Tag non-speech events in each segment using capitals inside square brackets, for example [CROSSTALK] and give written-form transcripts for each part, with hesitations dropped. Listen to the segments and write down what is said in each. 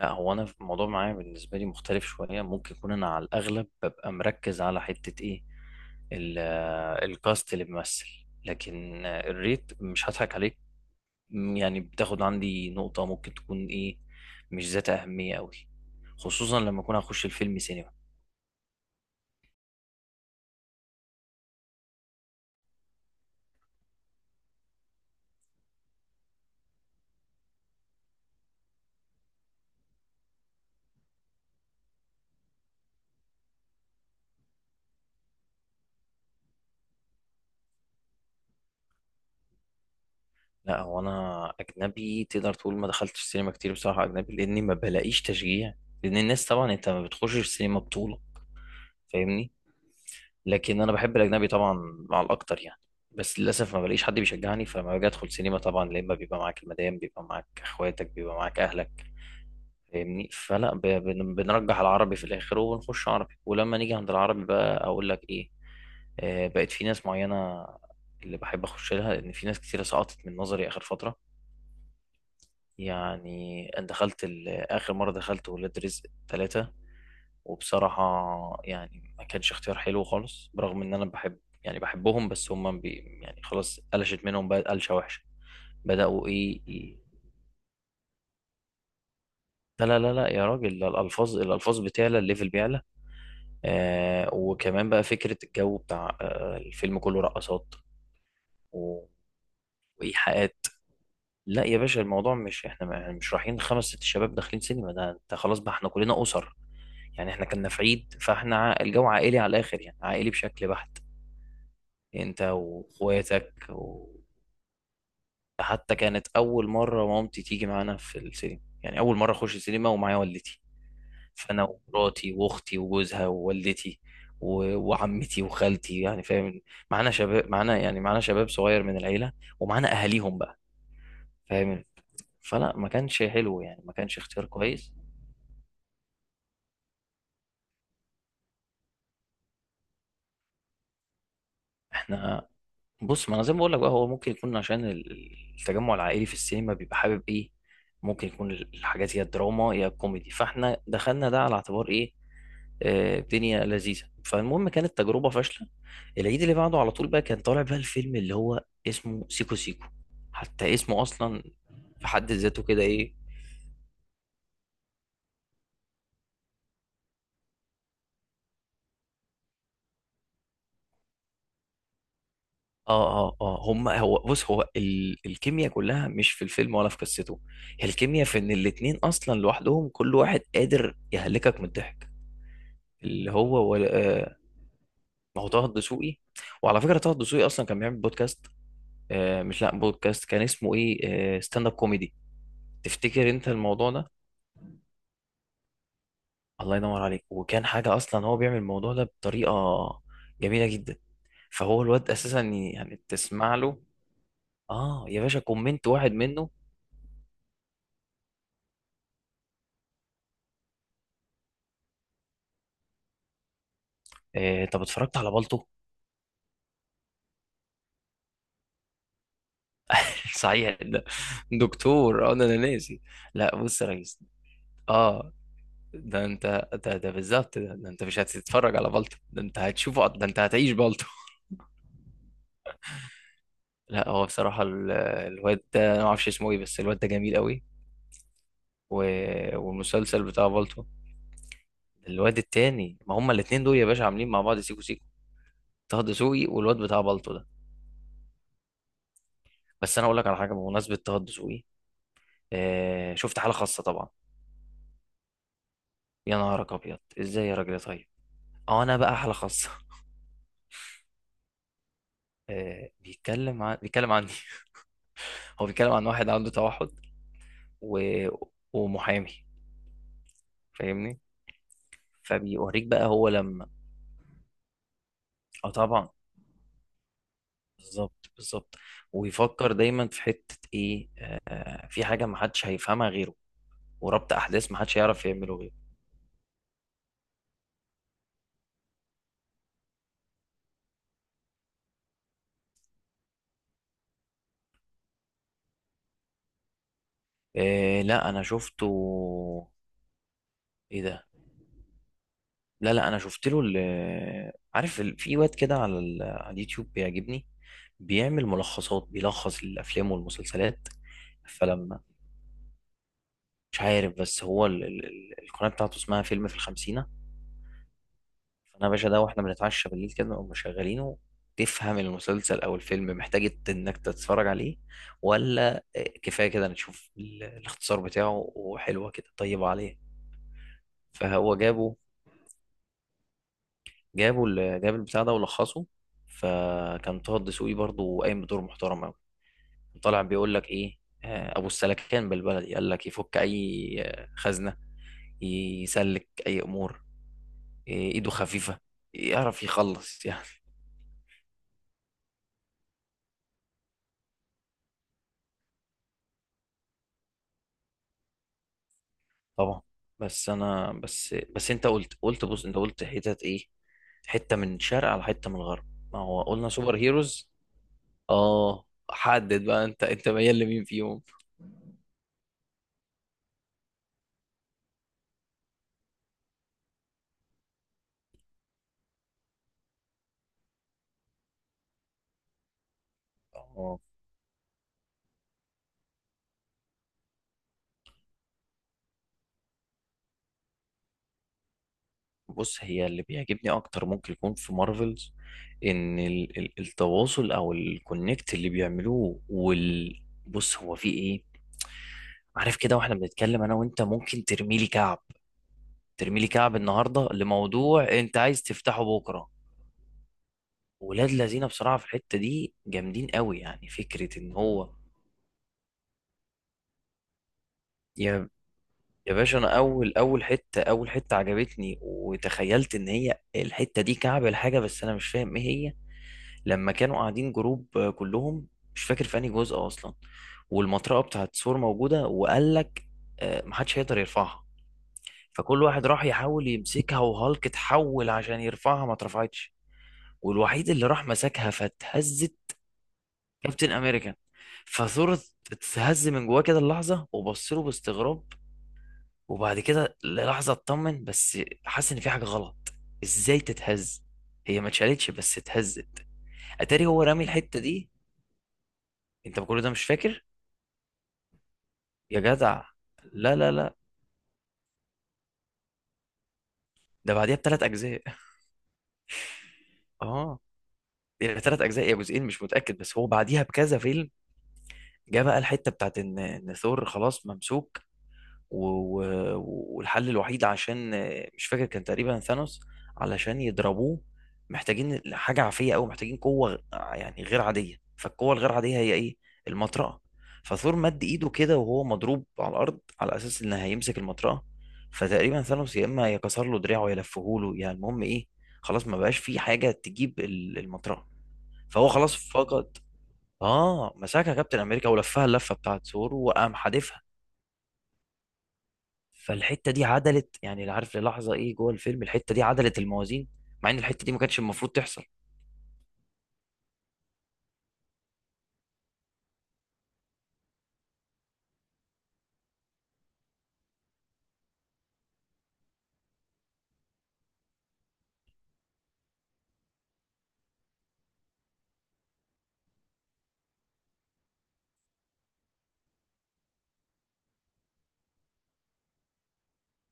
لا، هو انا في الموضوع معايا بالنسبه لي مختلف شويه. ممكن يكون انا على الاغلب ببقى مركز على حته ايه، ال- الكاست اللي بيمثل، لكن الريت مش هضحك عليك، يعني بتاخد عندي نقطه ممكن تكون ايه، مش ذات اهميه قوي، خصوصا لما اكون هخش الفيلم سينما. لا، هو انا اجنبي تقدر تقول ما دخلتش سينما كتير بصراحه، اجنبي، لاني ما بلاقيش تشجيع، لان الناس طبعا انت ما بتخشش السينما بطوله، فاهمني؟ لكن انا بحب الاجنبي طبعا، مع الاكتر يعني. بس للاسف ما بلاقيش حد بيشجعني، فلما باجي ادخل سينما طبعا يا اما بيبقى معاك المدام، بيبقى معاك اخواتك، بيبقى معاك اهلك، فاهمني؟ فلا، بنرجح العربي في الاخر وبنخش عربي، ولما نيجي عند العربي بقى اقول لك ايه، بقت في ناس معينه اللي بحب اخش لها، لان في ناس كتيره سقطت من نظري اخر فتره. يعني انا دخلت اخر مره دخلت ولاد رزق 3، وبصراحة يعني ما كانش اختيار حلو خالص، برغم ان انا بحب، يعني بحبهم، بس هم يعني خلاص قلشت منهم بقى قلشة وحشة. بدأوا ايه إيه؟ لا لا لا لا، يا راجل، ده الالفاظ بتعلى، الليفل بيعلى. وكمان بقى فكرة الجو بتاع الفيلم كله رقصات و- وايحاءات. لا يا باشا، الموضوع مش احنا يعني، مش رايحين خمس ست شباب داخلين سينما، ده انت خلاص بقى احنا كلنا اسر. يعني احنا كنا في عيد، فاحنا الجو عائلي على الاخر، يعني عائلي بشكل بحت، انت واخواتك. وحتى كانت اول مره مامتي تيجي معانا في السينما، يعني اول مره اخش السينما ومعايا والدتي. فانا ومراتي واختي وجوزها ووالدتي وعمتي وخالتي، يعني فاهم؟ معانا شباب، معانا يعني معانا شباب صغير من العيله، ومعانا اهاليهم بقى، فاهم؟ فلا، ما كانش حلو، يعني ما كانش اختيار كويس. احنا بص، ما انا زي ما بقول لك بقى، هو ممكن يكون عشان التجمع العائلي في السينما بيبقى حابب ايه، ممكن يكون الحاجات يا دراما يا كوميدي، فاحنا دخلنا ده على اعتبار ايه، الدنيا لذيذه، فالمهم كانت تجربه فاشله. العيد اللي بعده على طول بقى كان طالع بقى الفيلم اللي هو اسمه سيكو سيكو، حتى اسمه اصلا في حد ذاته كده ايه. اه اه اه، هم، هو بص، هو ال الكيمياء كلها مش في الفيلم ولا في قصته، هي الكيمياء في ان الاتنين اصلا لوحدهم كل واحد قادر يهلكك من الضحك. اللي هو، ولا آه، ما هو طه الدسوقي. وعلى فكره طه الدسوقي اصلا كان بيعمل بودكاست، مش، لا، بودكاست كان اسمه ايه، ستاند اب كوميدي، تفتكر انت الموضوع ده؟ الله ينور عليك، وكان حاجه اصلا هو بيعمل الموضوع ده بطريقه جميله جدا، فهو الواد اساسا يعني تسمع له، اه، يا باشا كومنت واحد منه. طب اتفرجت على بالطو؟ [LAUGHS] صحيح ده، دكتور انا ناسي. لا بص يا ريس، اه، ده انت، ده ده بالظبط، ده انت مش هتتفرج على بالطو، ده انت هتشوفه، ده انت هتعيش بالطو. [LAUGHS] لا هو بصراحة الواد ده انا ما اعرفش اسمه ايه، بس الواد ده جميل قوي. و... والمسلسل بتاع بالطو، الواد التاني، ما هما الاتنين دول يا باشا عاملين مع بعض سيكو سيكو، طه دسوقي والواد بتاع بالطو ده. بس انا اقول لك على حاجة بمناسبة طه دسوقي. آه، شفت حالة خاصة طبعا؟ يا نهارك ابيض، ازاي يا راجل يا طيب، اه انا بقى حالة خاصة. بيتكلم عني. [LAUGHS] هو بيتكلم عن واحد عنده توحد، و... ومحامي، فاهمني؟ فبيوريك بقى هو لما، اه طبعا، بالظبط بالظبط، ويفكر دايما في حتة ايه، في حاجة محدش هيفهمها غيره، وربط احداث محدش هيعرف يعمله غيره. آه لا، انا شفته. ايه ده؟ لا لا، انا شفت له عارف في واد كده على على اليوتيوب بيعجبني، بيعمل ملخصات، بيلخص الافلام والمسلسلات. فلما، مش عارف، بس هو القناة بتاعته اسمها فيلم في الخمسين. فانا يا باشا، ده واحنا بنتعشى بالليل كده نقوم مشغلينه، تفهم المسلسل او الفيلم محتاج انك تتفرج عليه ولا كفايه كده نشوف الاختصار بتاعه، وحلوه كده، طيبه عليه. فهو جابه، جابه ال- جاب البتاع ده ولخصه، فكان طه الدسوقي برضه قايم بدور محترم قوي. طالع بيقول لك ايه، ابو السلكان بالبلدي، قال لك يفك اي خزنه، يسلك اي امور، إيه، ايده خفيفه، يعرف يخلص يعني. طبعا، بس انا، بس بس انت قلت بص، انت قلت حتت ايه، حته من شرق على حته من الغرب، ما هو قلنا سوبر هيروز. اه، حدد بقى انت ميال لمين فيهم؟ اه بص، هي اللي بيعجبني اكتر ممكن يكون في مارفلز ان ال التواصل او الكونكت اللي بيعملوه وال، بص هو في ايه، عارف كده واحنا بنتكلم انا وانت ممكن ترميلي كعب، ترميلي كعب النهارده لموضوع انت عايز تفتحه بكره. ولاد لذينه بصراحه في الحته دي جامدين قوي، يعني فكره ان هو، يا يا باشا، انا اول حته عجبتني وتخيلت ان هي الحته دي كعب الحاجه، بس انا مش فاهم ايه هي. لما كانوا قاعدين جروب كلهم، مش فاكر في انهي جزء اصلا، والمطرقه بتاعت سور موجوده، وقال لك محدش هيقدر يرفعها. فكل واحد راح يحاول يمسكها وهالك اتحول عشان يرفعها ما اترفعتش، والوحيد اللي راح مسكها فاتهزت، كابتن امريكان. فثور اتهز من جواه كده اللحظه وبص له باستغراب، وبعد كده للحظه اطمن، بس حاسس ان في حاجه غلط، ازاي تتهز، هي ما اتشالتش بس اتهزت. اتاري هو رامي الحته دي، انت كل ده مش فاكر يا جدع؟ لا لا لا، ده بعديها بثلاث اجزاء. اه، يعني 3 اجزاء يا جزئين مش متاكد، بس هو بعديها بكذا فيلم. جه بقى الحته بتاعت ان ثور خلاص ممسوك، و... و... والحل الوحيد عشان مش فاكر، كان تقريبا ثانوس علشان يضربوه محتاجين حاجة عافية أو محتاجين قوة، يعني غير عادية، فالقوة الغير عادية هي إيه؟ المطرقة. فثور مد إيده كده وهو مضروب على الأرض على أساس إن هيمسك المطرقة، فتقريبا ثانوس يا إما يكسر له دراعه يا يلفهوله، يعني المهم إيه، خلاص ما بقاش في حاجة تجيب المطرقة. فهو خلاص فقد، مسكها كابتن أمريكا ولفها اللفة بتاعت ثور وقام حادفها. فالحته دي عدلت، يعني اللي عارف للحظه ايه جوه الفيلم، الحته دي عدلت الموازين، مع ان الحته دي ما كانتش المفروض تحصل.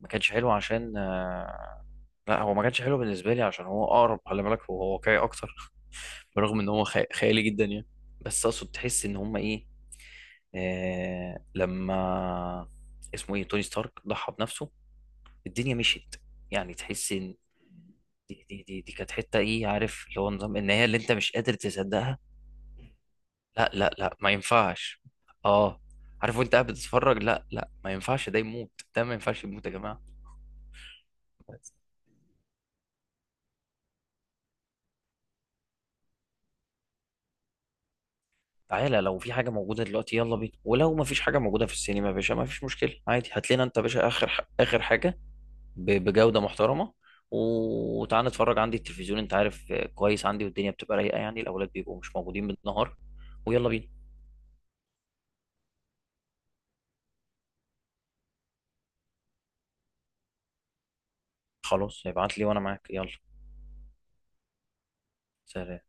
ما كانش حلو عشان لا هو ما كانش حلو بالنسبه لي عشان هو اقرب، خلي بالك هو واقعي اكتر [LAUGHS] برغم ان هو خيالي جدا يعني، بس اقصد تحس ان هما ايه، آه لما اسمه ايه، توني ستارك ضحى بنفسه، الدنيا مشيت، يعني تحس ان، دي كانت حته ايه، عارف اللي هو نظام النهايه اللي انت مش قادر تصدقها. لا لا لا، ما ينفعش، اه، عارف وانت قاعد بتتفرج، لا لا، ما ينفعش ده يموت، ده ما ينفعش يموت يا جماعه. تعالى، لو في حاجه موجوده دلوقتي يلا بينا، ولو ما فيش حاجه موجوده في السينما يا باشا ما فيش مشكله، عادي، هات لنا انت يا باشا اخر، اخر حاجه بجوده محترمه، وتعالى نتفرج عندي التلفزيون، انت عارف كويس عندي والدنيا بتبقى رايقه يعني، الاولاد بيبقوا مش موجودين بالنهار، ويلا بينا. خلاص، ابعت لي وانا معاك، يلا، سلام.